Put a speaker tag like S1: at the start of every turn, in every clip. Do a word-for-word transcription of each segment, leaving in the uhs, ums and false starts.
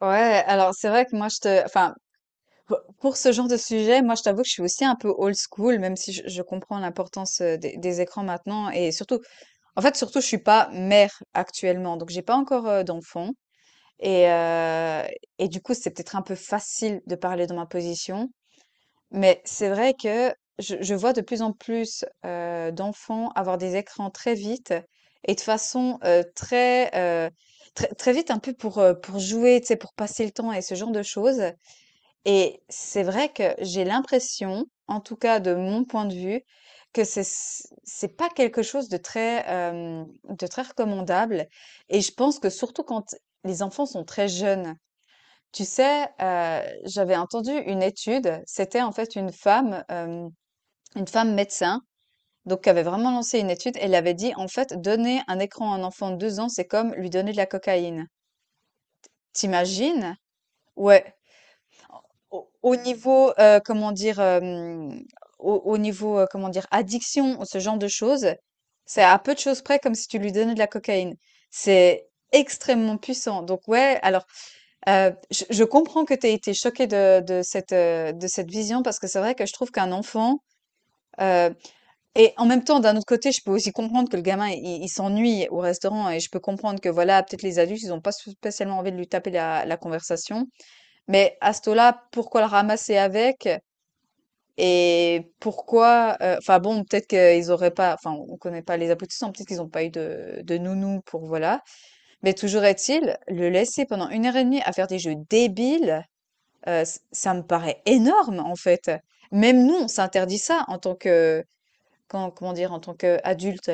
S1: Ouais, alors c'est vrai que moi je te, enfin, pour pour ce genre de sujet, moi je t'avoue que je suis aussi un peu old school, même si je, je comprends l'importance euh, des, des écrans maintenant et surtout, en fait surtout je suis pas mère actuellement, donc j'ai pas encore euh, d'enfant et euh, et du coup c'est peut-être un peu facile de parler dans ma position, mais c'est vrai que je, je vois de plus en plus euh, d'enfants avoir des écrans très vite et de façon euh, très euh, très, très vite, un peu pour, euh, pour jouer, tu sais, pour passer le temps et ce genre de choses. Et c'est vrai que j'ai l'impression, en tout cas de mon point de vue, que c'est c'est pas quelque chose de très, hem, de très recommandable et je pense que surtout quand les enfants sont très jeunes. Tu sais, heu, j'avais entendu une étude, c'était en fait une femme, hem, une femme médecin, donc qui avait vraiment lancé une étude. Elle avait dit, en fait: «Donner un écran à un enfant de deux ans, c'est comme lui donner de la cocaïne». T'imagines. Ouais. Au au niveau, heu, comment dire, hem, au au niveau, heu, comment dire, addiction, ce genre de choses, c'est à peu de choses près comme si tu lui donnais de la cocaïne. C'est extrêmement puissant. Donc ouais, alors, heu, je je comprends que tu aies été choquée de de cette, heu, de cette vision parce que c'est vrai que je trouve qu'un enfant, heu et en même temps, d'un autre côté, je peux aussi comprendre que le gamin, il il s'ennuie au restaurant et je peux comprendre que voilà, peut-être les adultes, ils ont pas spécialement envie de lui taper la la conversation. Mais à ce taux-là, pourquoi le ramasser avec? Et pourquoi, heu, enfin bon, peut-être qu'ils auraient pas enfin, on connaît pas les aboutissants, peut-être qu'ils n'ont pas eu de de nounou pour voilà. Mais toujours est-il, le laisser pendant une heure et demie à faire des jeux débiles, heu, ç ça me paraît énorme, en fait. Même nous, on s'interdit ça en tant que comment comment dire? En tant qu'adulte.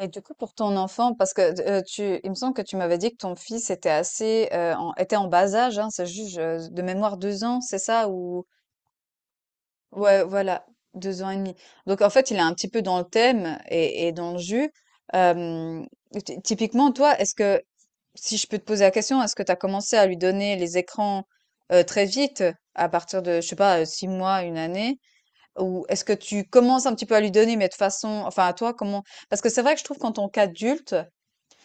S1: Et du coup, pour ton enfant, parce que d tu il me semble que tu m'avais dit que ton fils était assez, heu, en était en bas âge, hein? C'est juste, je de mémoire deux ans, c'est ça? Ou ouais, voilà, deux ans et demi. Donc en fait, il est un petit peu dans le thème et, et dans le jus. Euh, ty- typiquement, toi, est-ce que, si je peux te poser la question, est-ce que tu as commencé à lui donner les écrans euh, très vite, à partir de, je sais pas, euh, six mois, une année, ou est-ce que tu commences un petit peu à lui donner, mais de façon, enfin à toi, comment? Parce que c'est vrai que je trouve qu'en tant qu'adulte,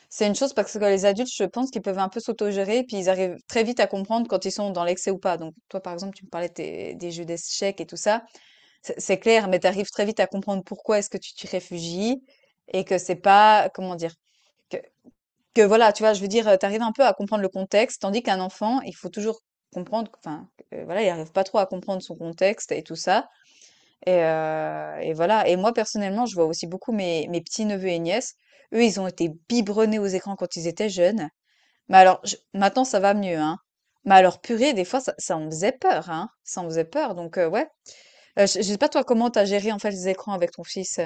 S1: c'est une chose parce que les adultes, je pense qu'ils peuvent un peu s'autogérer, puis ils arrivent très vite à comprendre quand ils sont dans l'excès ou pas. Donc toi, par exemple, tu me parlais de tes- des jeux d'échecs et tout ça. C'est c'est clair, mais tu arrives très vite à comprendre pourquoi est-ce que tu t'y réfugies et que c'est pas, comment dire, que, que voilà, tu vois, je veux dire, tu arrives un peu à comprendre le contexte, tandis qu'un enfant, il faut toujours comprendre, enfin, euh, voilà, il arrive pas trop à comprendre son contexte et tout ça. Et, euh, et voilà. Et moi, personnellement, je vois aussi beaucoup mes, mes petits-neveux et nièces. Eux, ils ont été biberonnés aux écrans quand ils étaient jeunes. Mais alors, je- maintenant, ça va mieux, hein. Mais alors, purée, des fois, ça, ça en faisait peur, hein. Ça en faisait peur. Donc, euh, ouais. Heu, je je sais pas toi comment t'as géré en fait les écrans avec ton fils?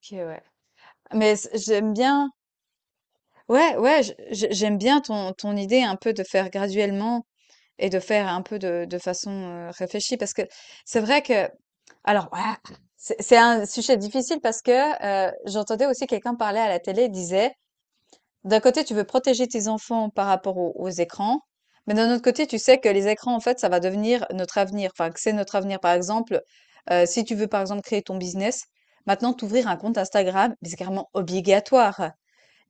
S1: OK, ouais. Mais c j'aime bien ouais, ouais, je je j'aime bien ton ton idée un peu de faire graduellement et de faire un peu de de façon, heu, réfléchie parce que c'est vrai que alors ah, c'est c'est un sujet difficile parce que, heu, j'entendais aussi quelqu'un parler à la télé, il disait: «D'un côté, tu veux protéger tes enfants par rapport aux aux écrans, mais d'un autre côté, tu sais que les écrans, en fait, ça va devenir notre avenir, enfin, que c'est notre avenir». Par exemple, heu, si tu veux, par exemple, créer ton business, maintenant, t'ouvrir un compte Instagram, mais c'est carrément obligatoire.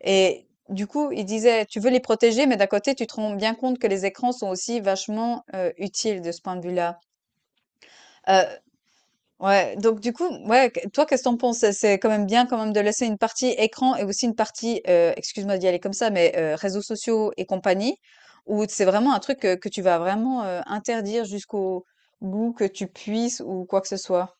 S1: Et du coup, il disait, tu veux les protéger, mais d'un côté, tu te rends bien compte que les écrans sont aussi vachement euh, utiles de ce point de vue-là. Euh, ouais, donc du coup, ouais, que- toi, qu'est-ce que t'en penses? C'est c'est quand même bien quand même de laisser une partie écran et aussi une partie, euh, excuse-moi d'y aller comme ça, mais euh, réseaux sociaux et compagnie, où c'est vraiment un truc que, que tu vas vraiment euh, interdire jusqu'au bout que tu puisses ou quoi que ce soit.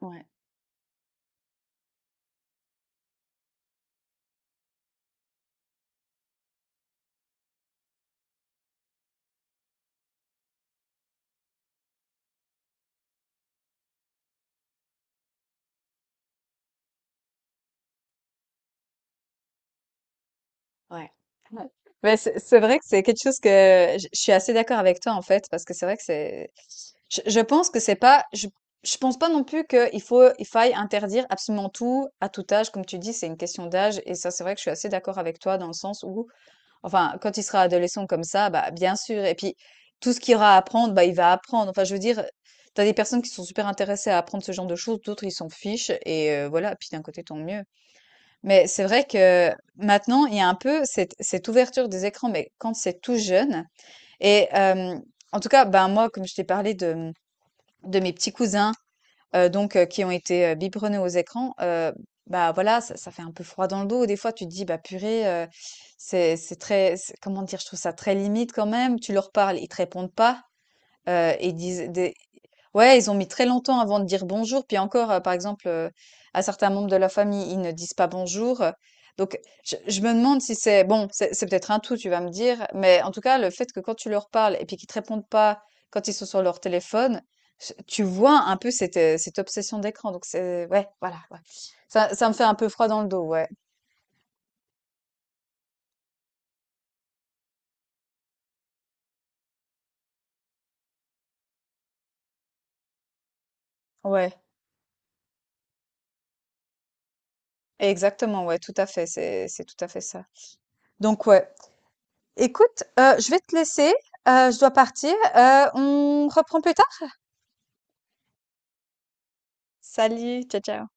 S1: Ouais. Ouais. Ouais. Mais c'est c'est vrai que c'est quelque chose que je je suis assez d'accord avec toi en fait parce que c'est vrai que c'est je, je pense que c'est pas je je pense pas non plus qu'il faut il faille interdire absolument tout à tout âge comme tu dis c'est une question d'âge et ça c'est vrai que je suis assez d'accord avec toi dans le sens où enfin quand il sera adolescent comme ça bah bien sûr et puis tout ce qu'il aura à apprendre bah il va apprendre enfin je veux dire t'as des personnes qui sont super intéressées à apprendre ce genre de choses d'autres ils s'en fichent et euh, voilà puis d'un côté tant mieux mais c'est vrai que maintenant, il y a un peu cette, cette ouverture des écrans, mais quand c'est tout jeune. Et euh, en tout cas, ben moi, comme je t'ai parlé de, de mes petits cousins, euh, donc euh, qui ont été euh, biberonnés aux écrans, euh, bah voilà, ça, ça fait un peu froid dans le dos. Des fois, tu te dis, bah purée, euh, c'est c'est très, c'est- comment dire, je trouve ça très limite quand même. Tu leur parles, ils te répondent pas. Heu, et ils disent des ouais, ils ont mis très longtemps avant de dire bonjour. Puis encore, heu, par exemple, heu, à certains membres de la famille, ils ne disent pas bonjour, heu, donc je je me demande si c'est bon, c'est c'est peut-être un tout, tu vas me dire, mais en tout cas, le fait que quand tu leur parles et puis qu'ils te répondent pas quand ils sont sur leur téléphone, ch tu vois un peu cette, heu, cette obsession d'écran, donc c'est ouais, voilà, ouais. Ça ça me fait un peu froid dans le dos, ouais. Ouais, exactement, ouais, tout à fait, c'est c'est tout à fait ça, donc ouais. Écoute, heu, je vais te laisser, heu, je dois partir, heu, on reprend plus tard? Salut, ciao, ciao.